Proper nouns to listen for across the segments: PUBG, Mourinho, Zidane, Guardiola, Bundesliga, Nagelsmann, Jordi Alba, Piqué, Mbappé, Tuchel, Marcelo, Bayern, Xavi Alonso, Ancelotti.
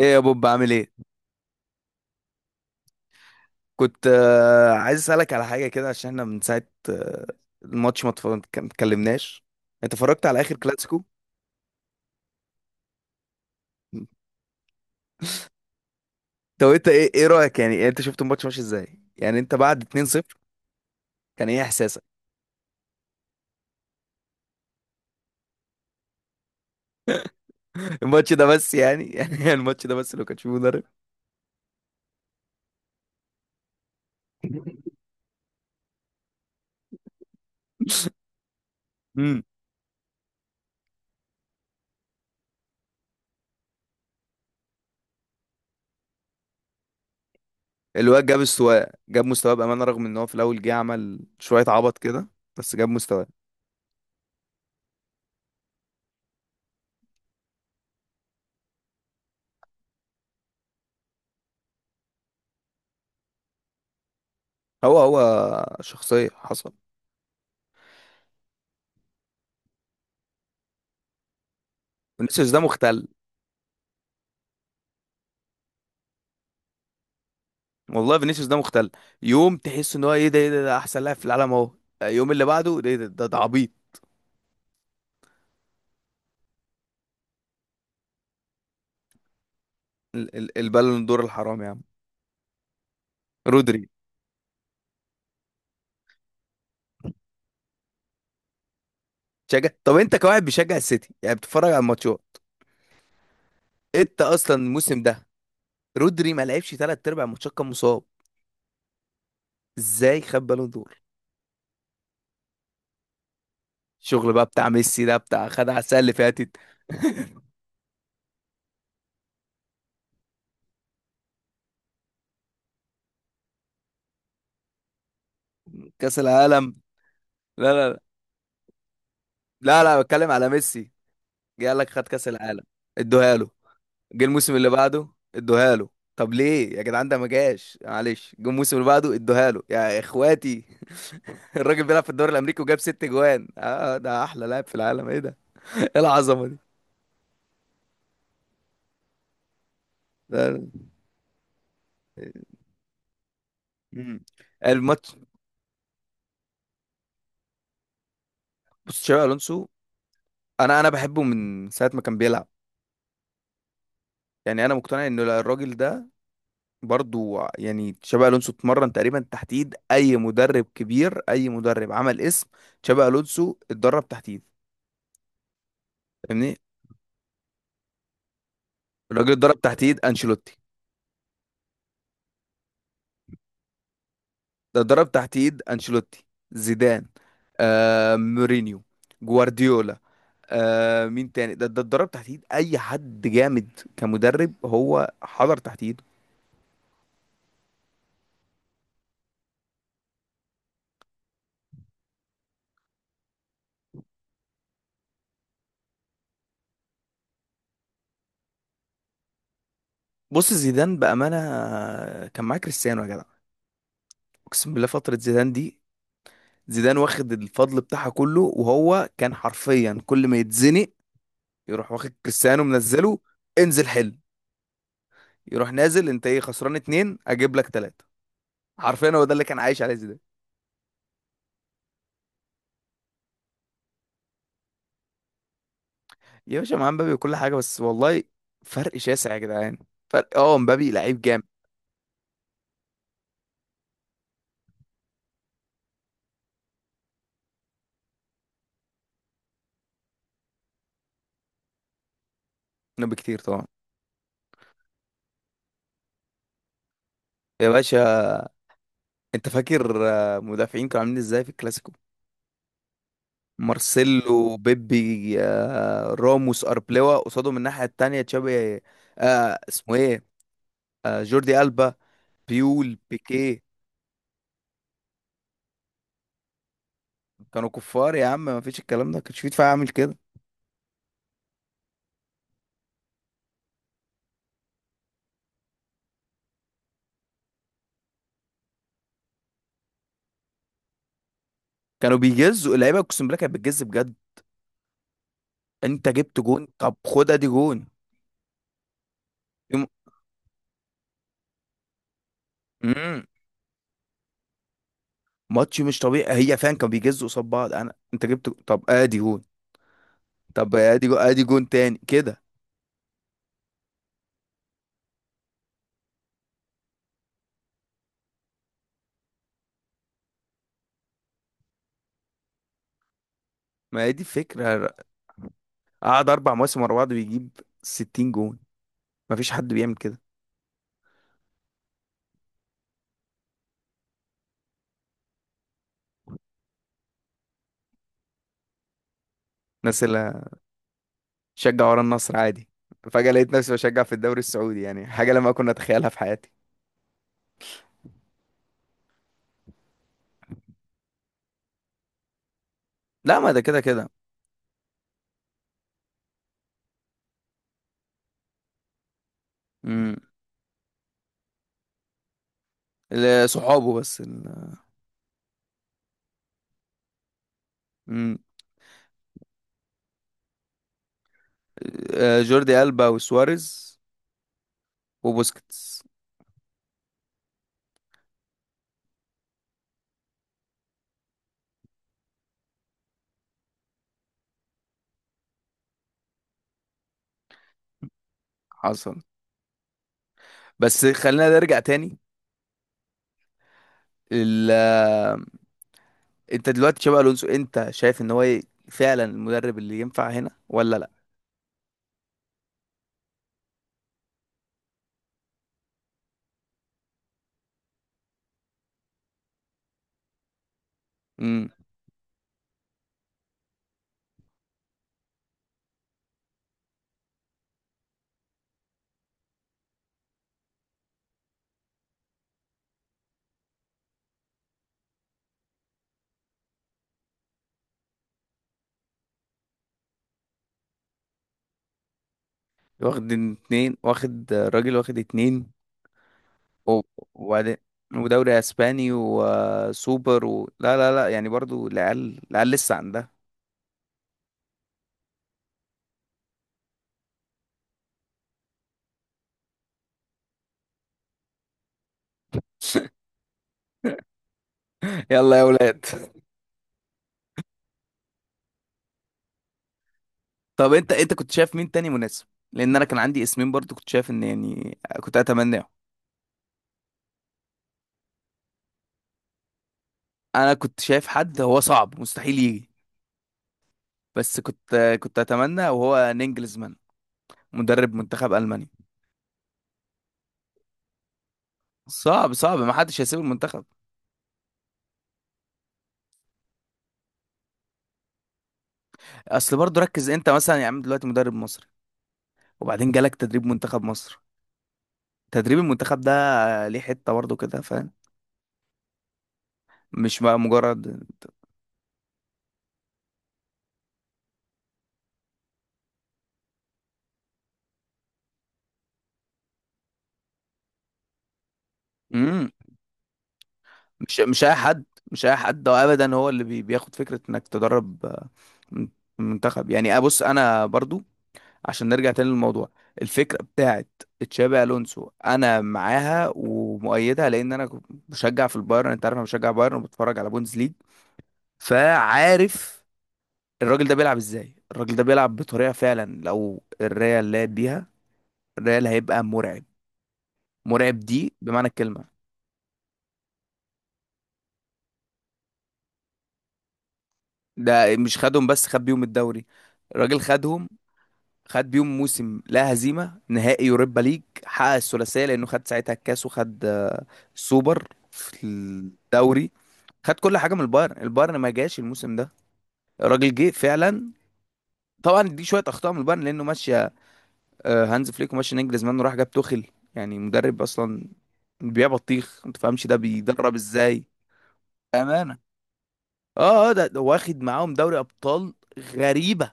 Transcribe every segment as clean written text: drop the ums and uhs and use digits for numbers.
ايه يا بوب عامل ايه؟ كنت عايز اسالك على حاجه كده عشان احنا من ساعه آه، الماتش ما اتكلمناش. انت اتفرجت على اخر كلاسيكو؟ طب انت ايه، رايك يعني، يعني انت شفت الماتش ماشي ازاي؟ يعني انت بعد 2-0 كان ايه احساسك؟ الماتش ده بس يعني يعني الماتش ده بس لو كان فيه مدرب. امم الواد جاب استواء، جاب مستواه بامانه، رغم ان هو في الاول جه عمل شويه عبط كده، بس جاب مستواه. هو شخصيه، حصل. فينيسيوس ده مختل، والله فينيسيوس ده مختل. يوم تحس ان هو ايه ده، ايه ده، ده احسن لاعب في العالم اهو. يوم اللي بعده ده، إيه ده، ده عبيط. البالون دور الحرام يا عم. رودري تشجع. طب انت كواحد بيشجع السيتي يعني بتتفرج على الماتشات؟ انت اصلا الموسم ده رودري ما لعبش ثلاث ارباع الماتشات، كان مصاب. ازاي خد بالون دور؟ الشغل بقى بتاع ميسي، ده بتاع خد على السنه اللي فاتت. كاس العالم. لا لا لا، لا لا، بتكلم على ميسي. جه قال لك خد كاس العالم، ادوها له. جه الموسم اللي بعده، ادوها له. طب ليه يا جدعان؟ ده ما جاش، معلش، جه الموسم اللي بعده ادوها له يا اخواتي. الراجل بيلعب في الدوري الامريكي وجاب ست جوان، اه ده احلى لاعب في العالم، ايه ده؟ ايه العظمه دي؟ ده مم. الماتش. بص تشابي الونسو، انا بحبه من ساعه ما كان بيلعب. يعني انا مقتنع ان الراجل ده برضو، يعني تشابي الونسو اتمرن تقريبا تحت ايد اي مدرب كبير، اي مدرب عمل اسم. تشابي الونسو اتدرب تحت ايد، فاهمني، الراجل اتدرب تحت ايد انشيلوتي. ده ضرب تحت ايد انشيلوتي، زيدان، مورينيو، جوارديولا. مين تاني؟ ده اتدرب تحت ايد اي حد جامد كمدرب، هو حضر تحت ايده. بص زيدان بامانه، كان معاه كريستيانو يا جدع. اقسم بالله فتره زيدان دي، زيدان واخد الفضل بتاعها كله، وهو كان حرفيا كل ما يتزنق يروح واخد كريستيانو، منزله، انزل حل. يروح نازل، انت ايه خسران اتنين، اجيب لك تلاته. حرفيا هو ده اللي كان عايش عليه زيدان. يا باشا مع مبابي وكل حاجة، بس والله فرق شاسع يا جدعان. فرق، اه مبابي لعيب جامد منه بكتير طبعا. يا باشا انت فاكر مدافعين كانوا عاملين ازاي في الكلاسيكو؟ مارسيلو، بيبي، راموس، اربلوا قصادهم، الناحية التانية تشابي، اسمه ايه، جوردي ألبا، بيول، بيكيه. كانوا كفار يا عم، ما فيش الكلام ده، كانش في دفاع عامل كده. كانوا بيجزوا اللعيبة، اقسم بالله كانت بتجز بجد. انت جبت جون، طب خدها دي جون. امم ماتش مش طبيعي، هي فعلا كانوا بيجزوا قصاد بعض. انا انت جبت، طب ادي جون، طب ادي جون، ادي جون تاني كده. ما هي دي الفكره، قعد اربع مواسم ورا بعض بيجيب 60 جون، ما فيش حد بيعمل كده. الناس اللي شجع ورا النصر عادي، فجاه لقيت نفسي بشجع في الدوري السعودي، يعني حاجه لما كنا اتخيلها في حياتي. لا، ما ده كده كده. امم صحابه بس امم جوردي ألبا وسواريز وبوسكيتس. حصل. بس خلينا نرجع تاني. انت دلوقتي تشابي الونسو انت شايف ان هو فعلا المدرب اللي ينفع هنا ولا لا؟ امم واخد اتنين، واخد راجل، واخد اتنين و- وبعدين، ودوري اسباني وسوبر لا لا لا، يعني برضو العيال، العيال لسه عندها. يلا يا اولاد. طب انت، انت كنت شايف مين تاني مناسب؟ لان انا كان عندي اسمين، برضو كنت شايف ان يعني كنت اتمناه. انا كنت شايف حد هو صعب مستحيل يجي، بس كنت، كنت اتمنى وهو نينجلزمان، مدرب منتخب المانيا. صعب صعب، ما حدش هيسيب المنتخب. اصل برضه ركز انت مثلا يا عم، دلوقتي مدرب مصري وبعدين جالك تدريب منتخب مصر، تدريب المنتخب ده ليه حتة برضه كده، فاهم. مش بقى مجرد. امم مش اي حد، مش اي حد ده ابدا، هو اللي بياخد فكرة انك تدرب من- منتخب. يعني ابص انا برضو، عشان نرجع تاني للموضوع، الفكرة بتاعت تشابي الونسو انا معاها ومؤيدها، لان انا كنت بشجع في البايرن، انت عارف انا بشجع بايرن وبتفرج على بوندس ليج، فعارف الراجل ده بيلعب ازاي. الراجل ده بيلعب بطريقة فعلا لو الريال لعب بيها، الريال هيبقى مرعب، مرعب دي بمعنى الكلمة. ده مش خدهم بس، خد بيهم الدوري. الراجل خدهم، خد بيهم موسم لا هزيمة، نهائي يوروبا ليج، حقق الثلاثية لأنه خد ساعتها الكاس وخد السوبر في الدوري. خد كل حاجة من البايرن، البايرن ما جاش الموسم ده، الراجل جه فعلا. طبعا دي شوية أخطاء من البايرن، لأنه ماشي هانز فليك، وماشي نجلزمان، وراح جاب توخيل، يعني مدرب اصلا بيبيع بطيخ ما تفهمش ده بيدرب ازاي. امانه اه اه ده واخد معاهم دوري ابطال، غريبه،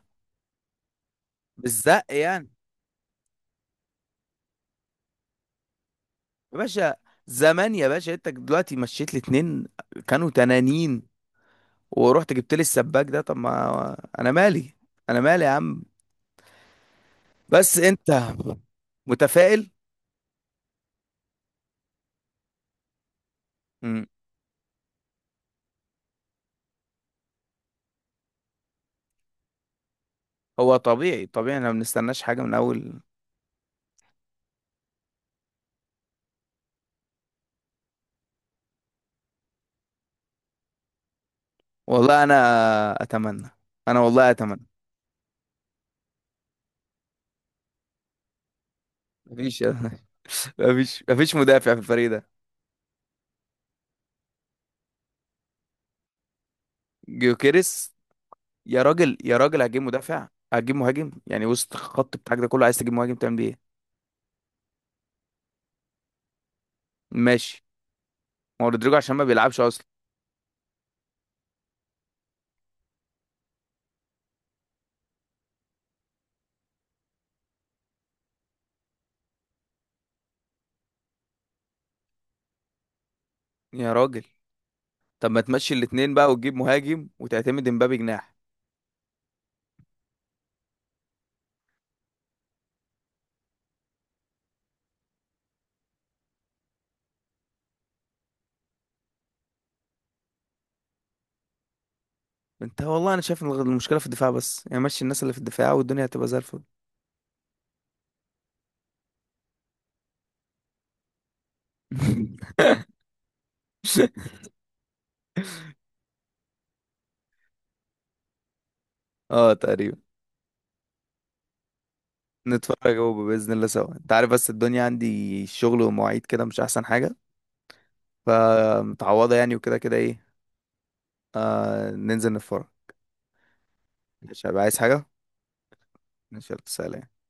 بالزق يعني. يا باشا، زمان يا باشا، انت دلوقتي مشيت لي اتنين، كانوا تنانين، ورحت جبت لي السباك ده، طب ما انا مالي، انا مالي يا عم. بس انت متفائل. مم. هو طبيعي، طبيعي، احنا ما بنستناش حاجه من اول. والله انا اتمنى، انا والله اتمنى. مفيش. مفيش مدافع في الفريق ده. جيوكيريس. يا راجل، يا راجل، هتجيب مدافع، هتجيب مهاجم، يعني وسط الخط بتاعك ده كله عايز تجيب مهاجم تعمل بيه ايه؟ ماشي، ما هو رودريجو عشان ما بيلعبش اصلا. يا راجل، طب ما تمشي الاتنين بقى، وتجيب مهاجم، وتعتمد امبابي جناح. انت والله انا شايف ان المشكله في الدفاع بس، يعني مشي الناس اللي في الدفاع والدنيا هتبقى زي الفل. اه تقريبا. نتفرج هو باذن الله سوا، انت عارف بس الدنيا عندي شغل ومواعيد كده، مش احسن حاجه. فمتعوضه يعني، وكده كده ايه، آه ننزل نتفرج. مش هبقى عايز حاجة. ماشي، يلا، سلام.